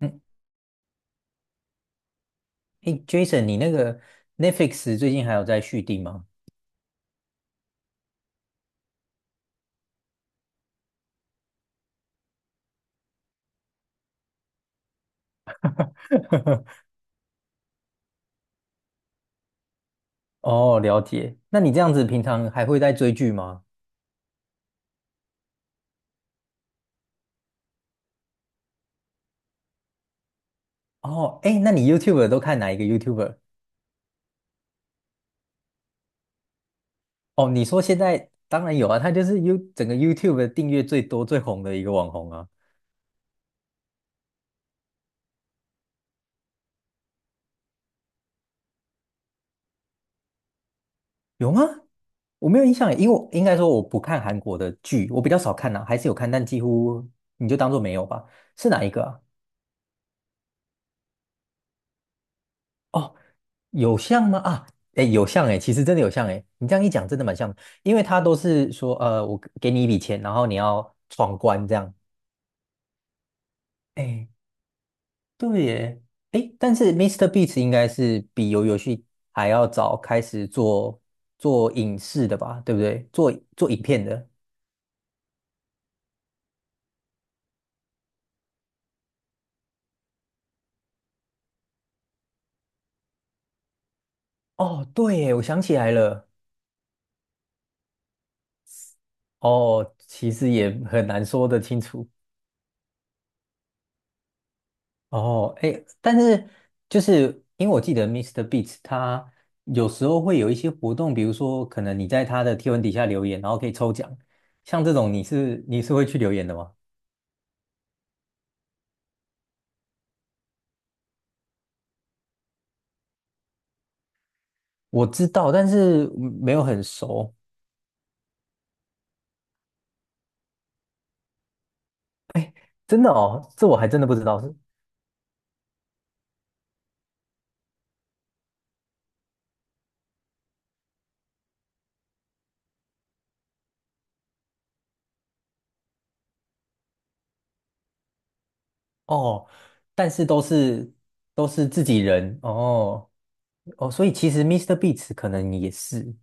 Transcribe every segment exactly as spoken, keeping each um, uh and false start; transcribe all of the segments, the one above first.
嗯，诶，Jason，你那个 Netflix 最近还有在续订吗？哦，了解。那你这样子平常还会在追剧吗？哦，哎，那你 y o u t u b e 都看哪一个 YouTuber？哦，你说现在当然有啊，他就是 You 整个 YouTube 的订阅最多最红的一个网红啊。有吗？我没有印象耶，因为我应该说我不看韩国的剧，我比较少看啊，还是有看，但几乎你就当做没有吧。是哪一个啊？哦。有像吗？啊，哎，有像哎，其实真的有像哎，你这样一讲，真的蛮像的。因为他都是说，呃，我给你一笔钱，然后你要闯关这样。哎，对耶，哎，但是 mister Beast 应该是比游游戏还要早开始做做影视的吧，对不对？做做影片的。哦，对耶，我想起来了。哦，其实也很难说得清楚。哦，哎，但是就是因为我记得 mister Beats 他有时候会有一些活动，比如说可能你在他的贴文底下留言，然后可以抽奖。像这种你是你是会去留言的吗？我知道，但是没有很熟。真的哦，这我还真的不知道是。哦，但是都是都是自己人哦。哦，所以其实 mister Beats 可能也是。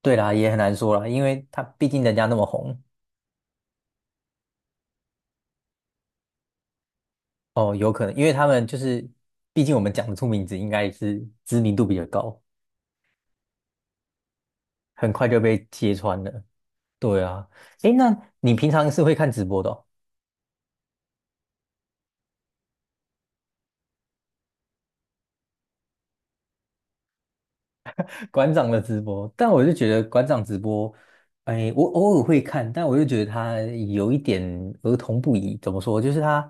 对啦，也很难说啦，因为他毕竟人家那么红。哦，有可能，因为他们就是，毕竟我们讲得出名字，应该是知名度比较高，很快就被揭穿了。对啊，诶，那你平常是会看直播的哦。馆长的直播，但我就觉得馆长直播，哎，我偶尔会看，但我就觉得他有一点儿童不宜。怎么说？就是他，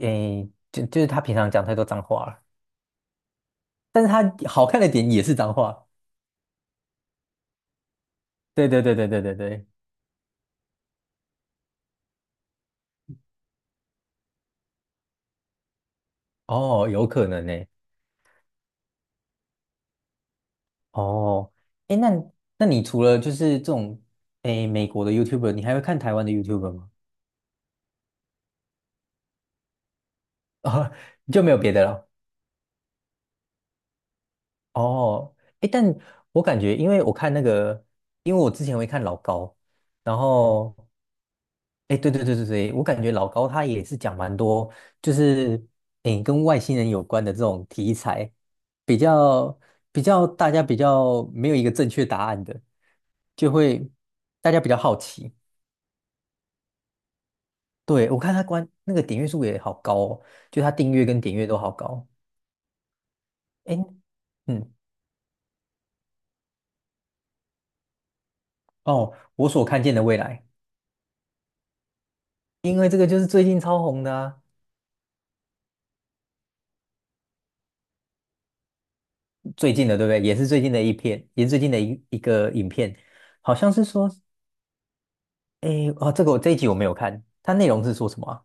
哎，就就是他平常讲太多脏话了，但是他好看的点也是脏话。对对对对对对对。哦，有可能呢。哦，哎，那那你除了就是这种哎美国的 YouTuber，你还会看台湾的 YouTuber 吗？哦，你就没有别的了。哦，哎，但我感觉，因为我看那个，因为我之前会看老高。然后哎，诶对对对对对，我感觉老高他也是讲蛮多，就是哎跟外星人有关的这种题材，比较比较大家比较没有一个正确答案的，就会大家比较好奇。对，我看他关那个点阅数也好高哦，就他订阅跟点阅都好高。哎，嗯，哦，我所看见的未来，因为这个就是最近超红的啊。最近的对不对？也是最近的一篇，也是最近的一一个影片。好像是说，哎，哦，这个我这一集我没有看，它内容是说什么啊。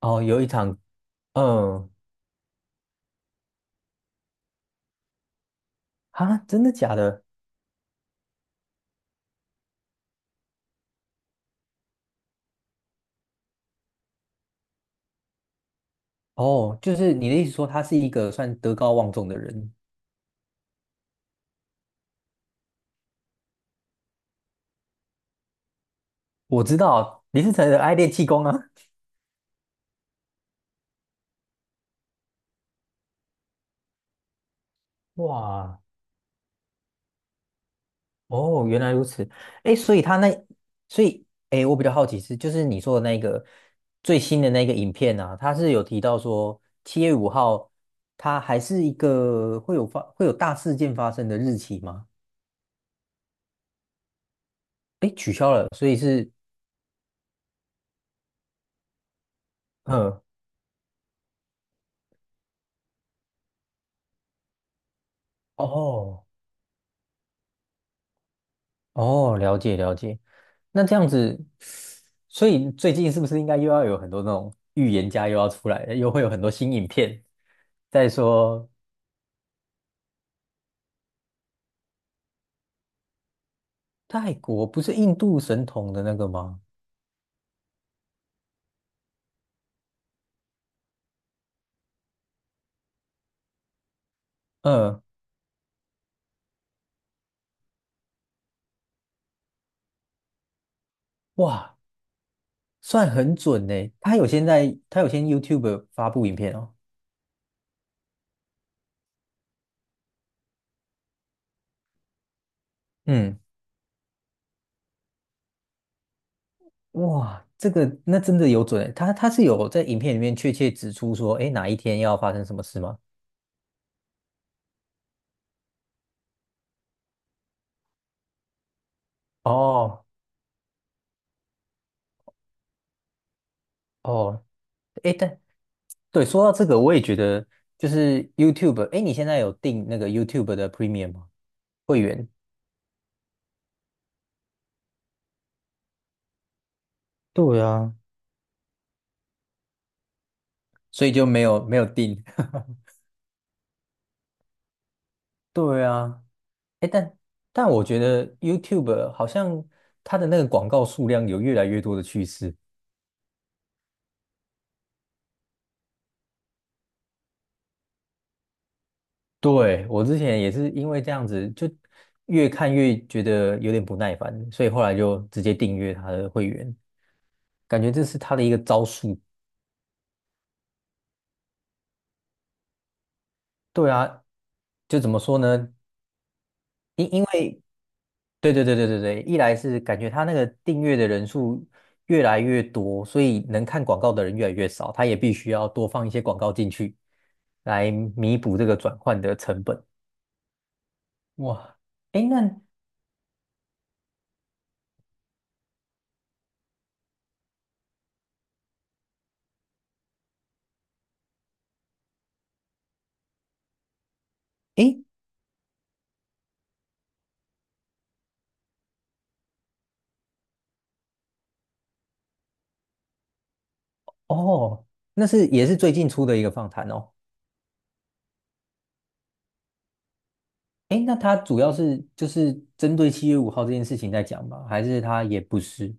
哦，有一场，嗯，啊，真的假的？哦，就是你的意思说他是一个算德高望重的人。我知道林思成的爱练气功啊。哇，哦，原来如此。哎，所以他那，所以哎，诶我比较好奇是，就是你说的那个最新的那个影片啊，他是有提到说七月五号，它还是一个会有发会有大事件发生的日期吗？嗯，哦哦，了解了解。那这样子，所以最近是不是应该又要有很多那种预言家又要出来了，又会有很多新影片在说？泰国不是印度神童的那个吗？嗯，哇，算很准呢。他有先在，他有先 YouTube 发布影片哦。嗯，哇，这个那真的有准欸，他他是有在影片里面确切指出说，哎，哪一天要发生什么事吗？哦哦，哎，但对，说到这个，我也觉得就是 YouTube，哎，你现在有订那个 YouTube 的 Premium 吗？会员。对啊，所以就没有没有订。对啊，哎，但但我觉得 YouTube 好像它的那个广告数量有越来越多的趋势。对，我之前也是因为这样子，就越看越觉得有点不耐烦，所以后来就直接订阅他的会员，感觉这是他的一个招数。对啊，就怎么说呢？因因为对对对对对对，一来是感觉他那个订阅的人数越来越多，所以能看广告的人越来越少，他也必须要多放一些广告进去，来弥补这个转换的成本。哇，诶，那诶，哦，那是也是最近出的一个访谈哦。哎，那它主要是就是针对七月五号这件事情在讲吗？还是它也不是？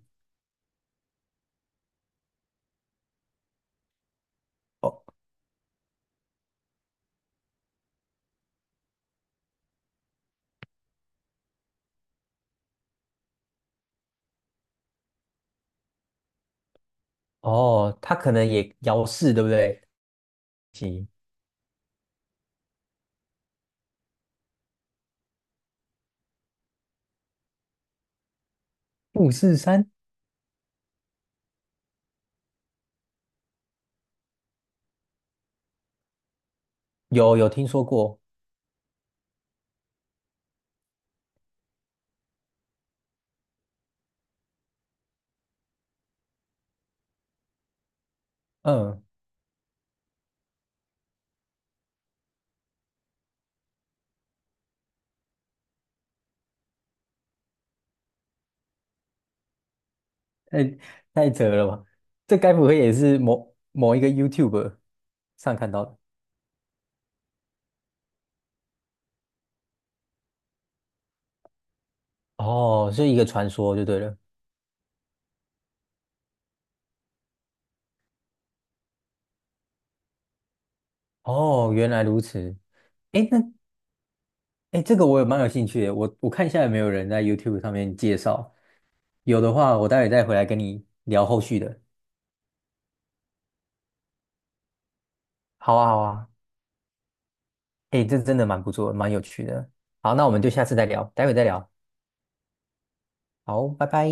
哦哦，它可能也遥四，对不对？行，五四三，有有听说过。嗯，太太扯了吧？这该不会也是某某一个 YouTube 上看到的？哦，是一个传说就对了。哦，原来如此。哎，那哎，诶这个我也蛮有兴趣的，我我看一下有没有人在 YouTube 上面介绍，有的话我待会再回来跟你聊后续的。好啊，好啊。哎，这真的蛮不错，蛮有趣的。好，那我们就下次再聊，待会再聊。好，拜拜。